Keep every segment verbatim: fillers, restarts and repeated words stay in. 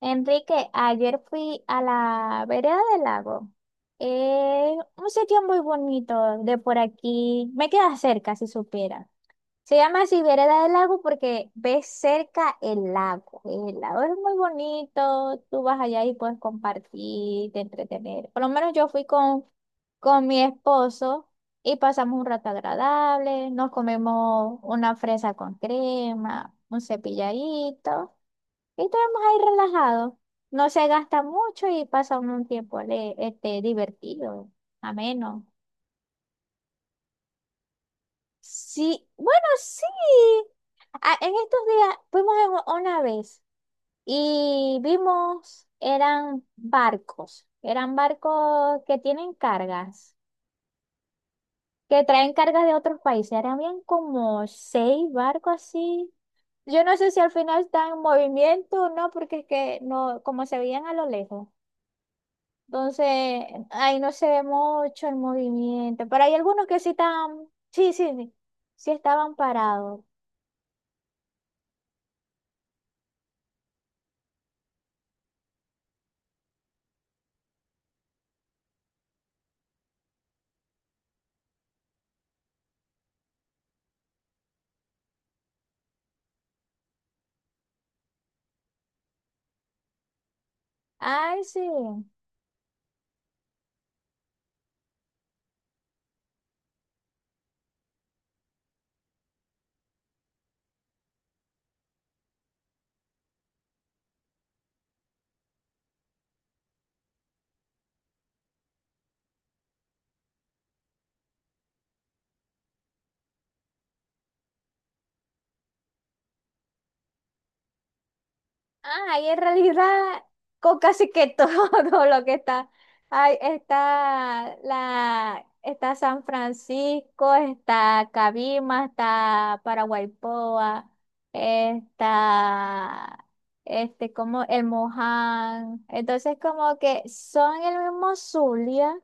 Enrique, ayer fui a la vereda del lago. Eh, un sitio muy bonito de por aquí. Me queda cerca, si supiera. Se llama así vereda del lago porque ves cerca el lago. El lago es muy bonito. Tú vas allá y puedes compartir, te entretener. Por lo menos yo fui con, con mi esposo y pasamos un rato agradable. Nos comemos una fresa con crema, un cepilladito. Y estamos ahí relajados. No se gasta mucho y pasa uno un tiempo ale- este, divertido, ameno. Sí, bueno, sí. Ah, en estos días fuimos en u- una vez y vimos, eran barcos, eran barcos que tienen cargas, que traen cargas de otros países. Eran bien como seis barcos así. Yo no sé si al final están en movimiento o no, porque es que no, como se veían a lo lejos. Entonces, ahí no se ve mucho el movimiento. Pero hay algunos que sí estaban, sí, sí, sí, sí estaban parados. Ay, sí. Ah, ahí en realidad, con casi que todo lo que está. Ahí está la, está San Francisco, está Cabima, está Paraguaypoa, está este como el Moján. Entonces, como que son el mismo Zulia.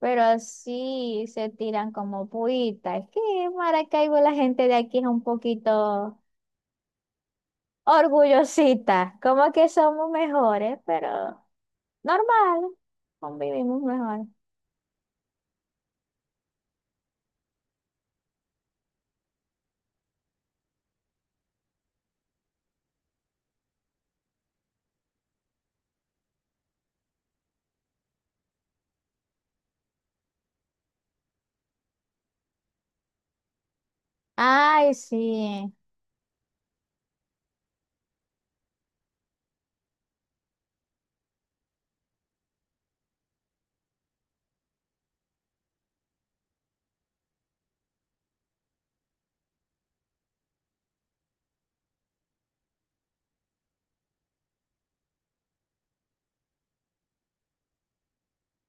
Pero así se tiran como puita. Es que en Maracaibo la gente de aquí es un poquito orgullosita. Como que somos mejores, pero normal. Convivimos mejor. Ay, sí.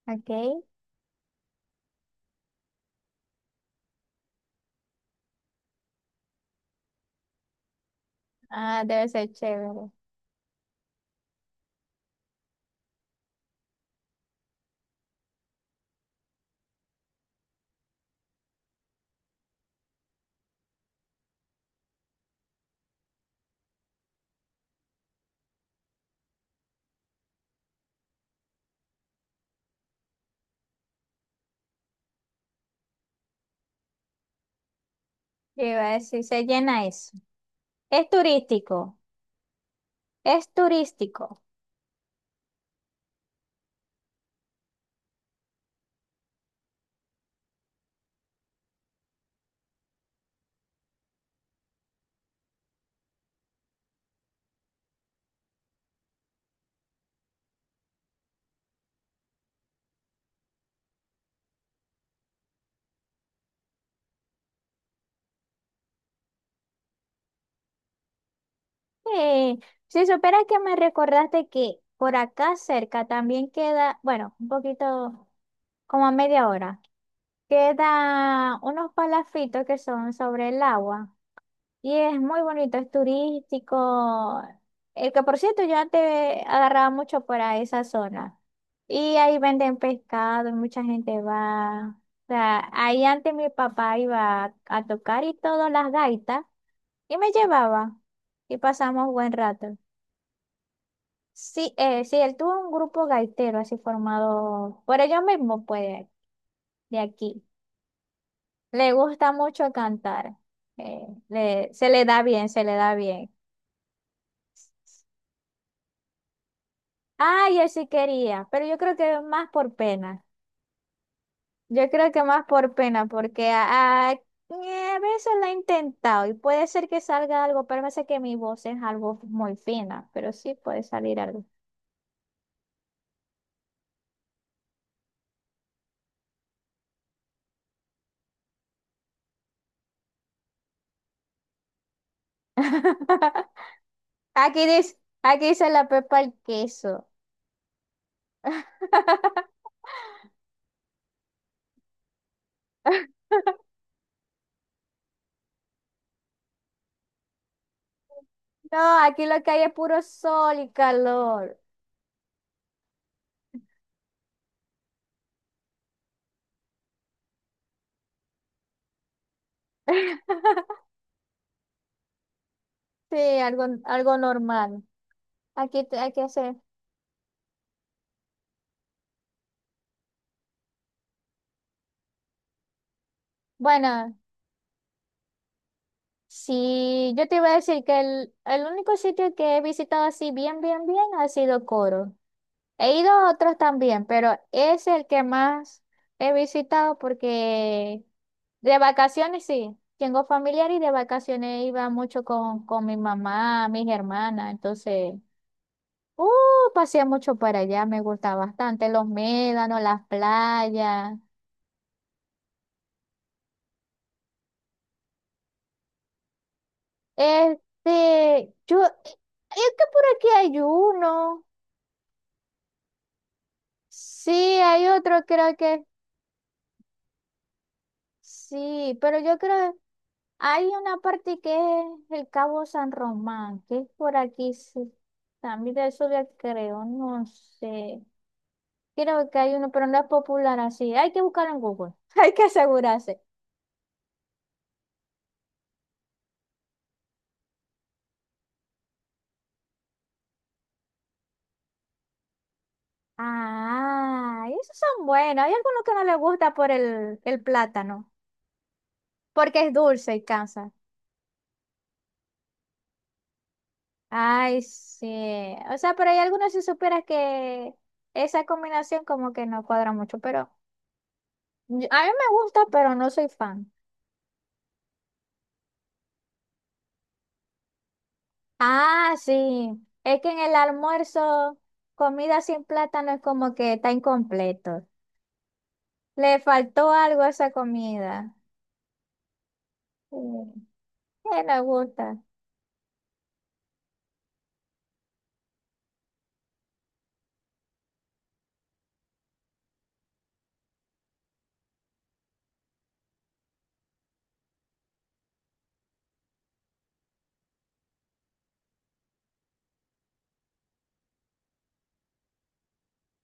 Ok. Ah, debe ser chévere. Yo iba a decir, se llena eso. Es turístico. Es turístico. Sí. Si supieras que me recordaste que por acá cerca también queda, bueno, un poquito como a media hora. Quedan unos palafitos que son sobre el agua y es muy bonito, es turístico. El que por cierto yo antes agarraba mucho para esa zona y ahí venden pescado y mucha gente va. O sea, ahí antes mi papá iba a tocar y todas las gaitas y me llevaba y pasamos buen rato. Sí, eh, sí, él tuvo un grupo gaitero así formado por ellos mismos, pues, de aquí. Le gusta mucho cantar. eh, le- Se le da bien, se le da bien. Ay, yo sí quería, pero yo creo que más por pena. Yo creo que más por pena, porque a, a- a veces lo he intentado y puede ser que salga algo, pero me sé que mi voz es algo muy fina, pero sí puede salir algo. Aquí dice, aquí dice la pepa el queso. No, aquí lo que hay es puro sol y calor. Sí, algo, algo normal. Aquí te- hay que hacer. Bueno, sí, yo te iba a decir que el, el único sitio que he visitado así bien, bien, bien ha sido Coro. He ido a otros también, pero es el que más he visitado porque de vacaciones sí. Tengo familiar y de vacaciones iba mucho con, con mi mamá, mis hermanas. Entonces, uh, pasé mucho para allá, me gusta bastante. Los médanos, las playas. Este, yo, es que por aquí hay uno. Sí, hay otro, creo que sí, pero yo creo hay una parte que es el Cabo San Román, que es por aquí, sí. También de eso ya creo, no sé. Creo que hay uno, pero no es popular así. Hay que buscar en Google, hay que asegurarse. Ah, y esos son buenos. Hay algunos que no les gusta por el, el plátano, porque es dulce y cansa. Ay, sí. O sea, pero hay algunos si supieras que esa combinación como que no cuadra mucho, pero yo- a mí me gusta, pero no soy fan. Ah, sí. Es que en el almuerzo, comida sin plátano es como que está incompleto. Le faltó algo a esa comida. Sí, que me gusta.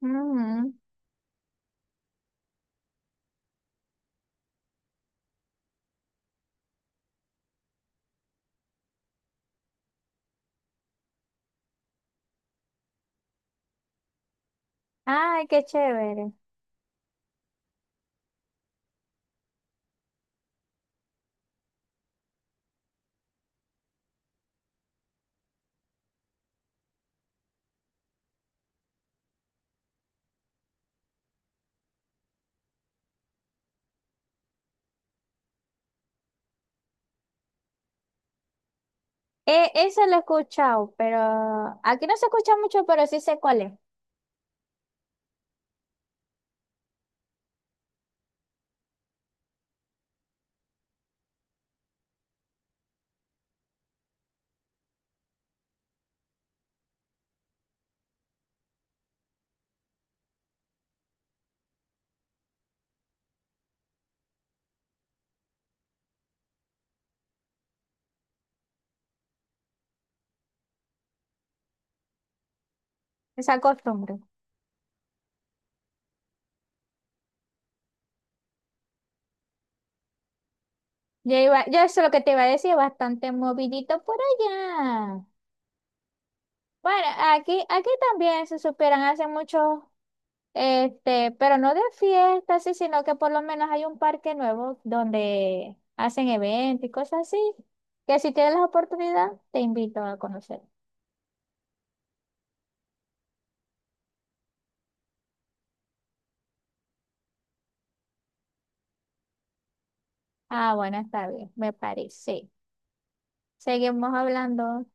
Ujú. Ay, qué chévere. E- eso lo he escuchado, pero aquí no se escucha mucho, pero sí sé cuál es, esa costumbre. Yo iba, yo eso es lo que te iba a decir, bastante movidito por allá. Bueno, aquí, aquí también se superan hace mucho, este, pero no de fiestas, sí, sino que por lo menos hay un parque nuevo donde hacen eventos y cosas así. Que si tienes la oportunidad, te invito a conocer. Ah, bueno, está bien, me parece. Seguimos hablando.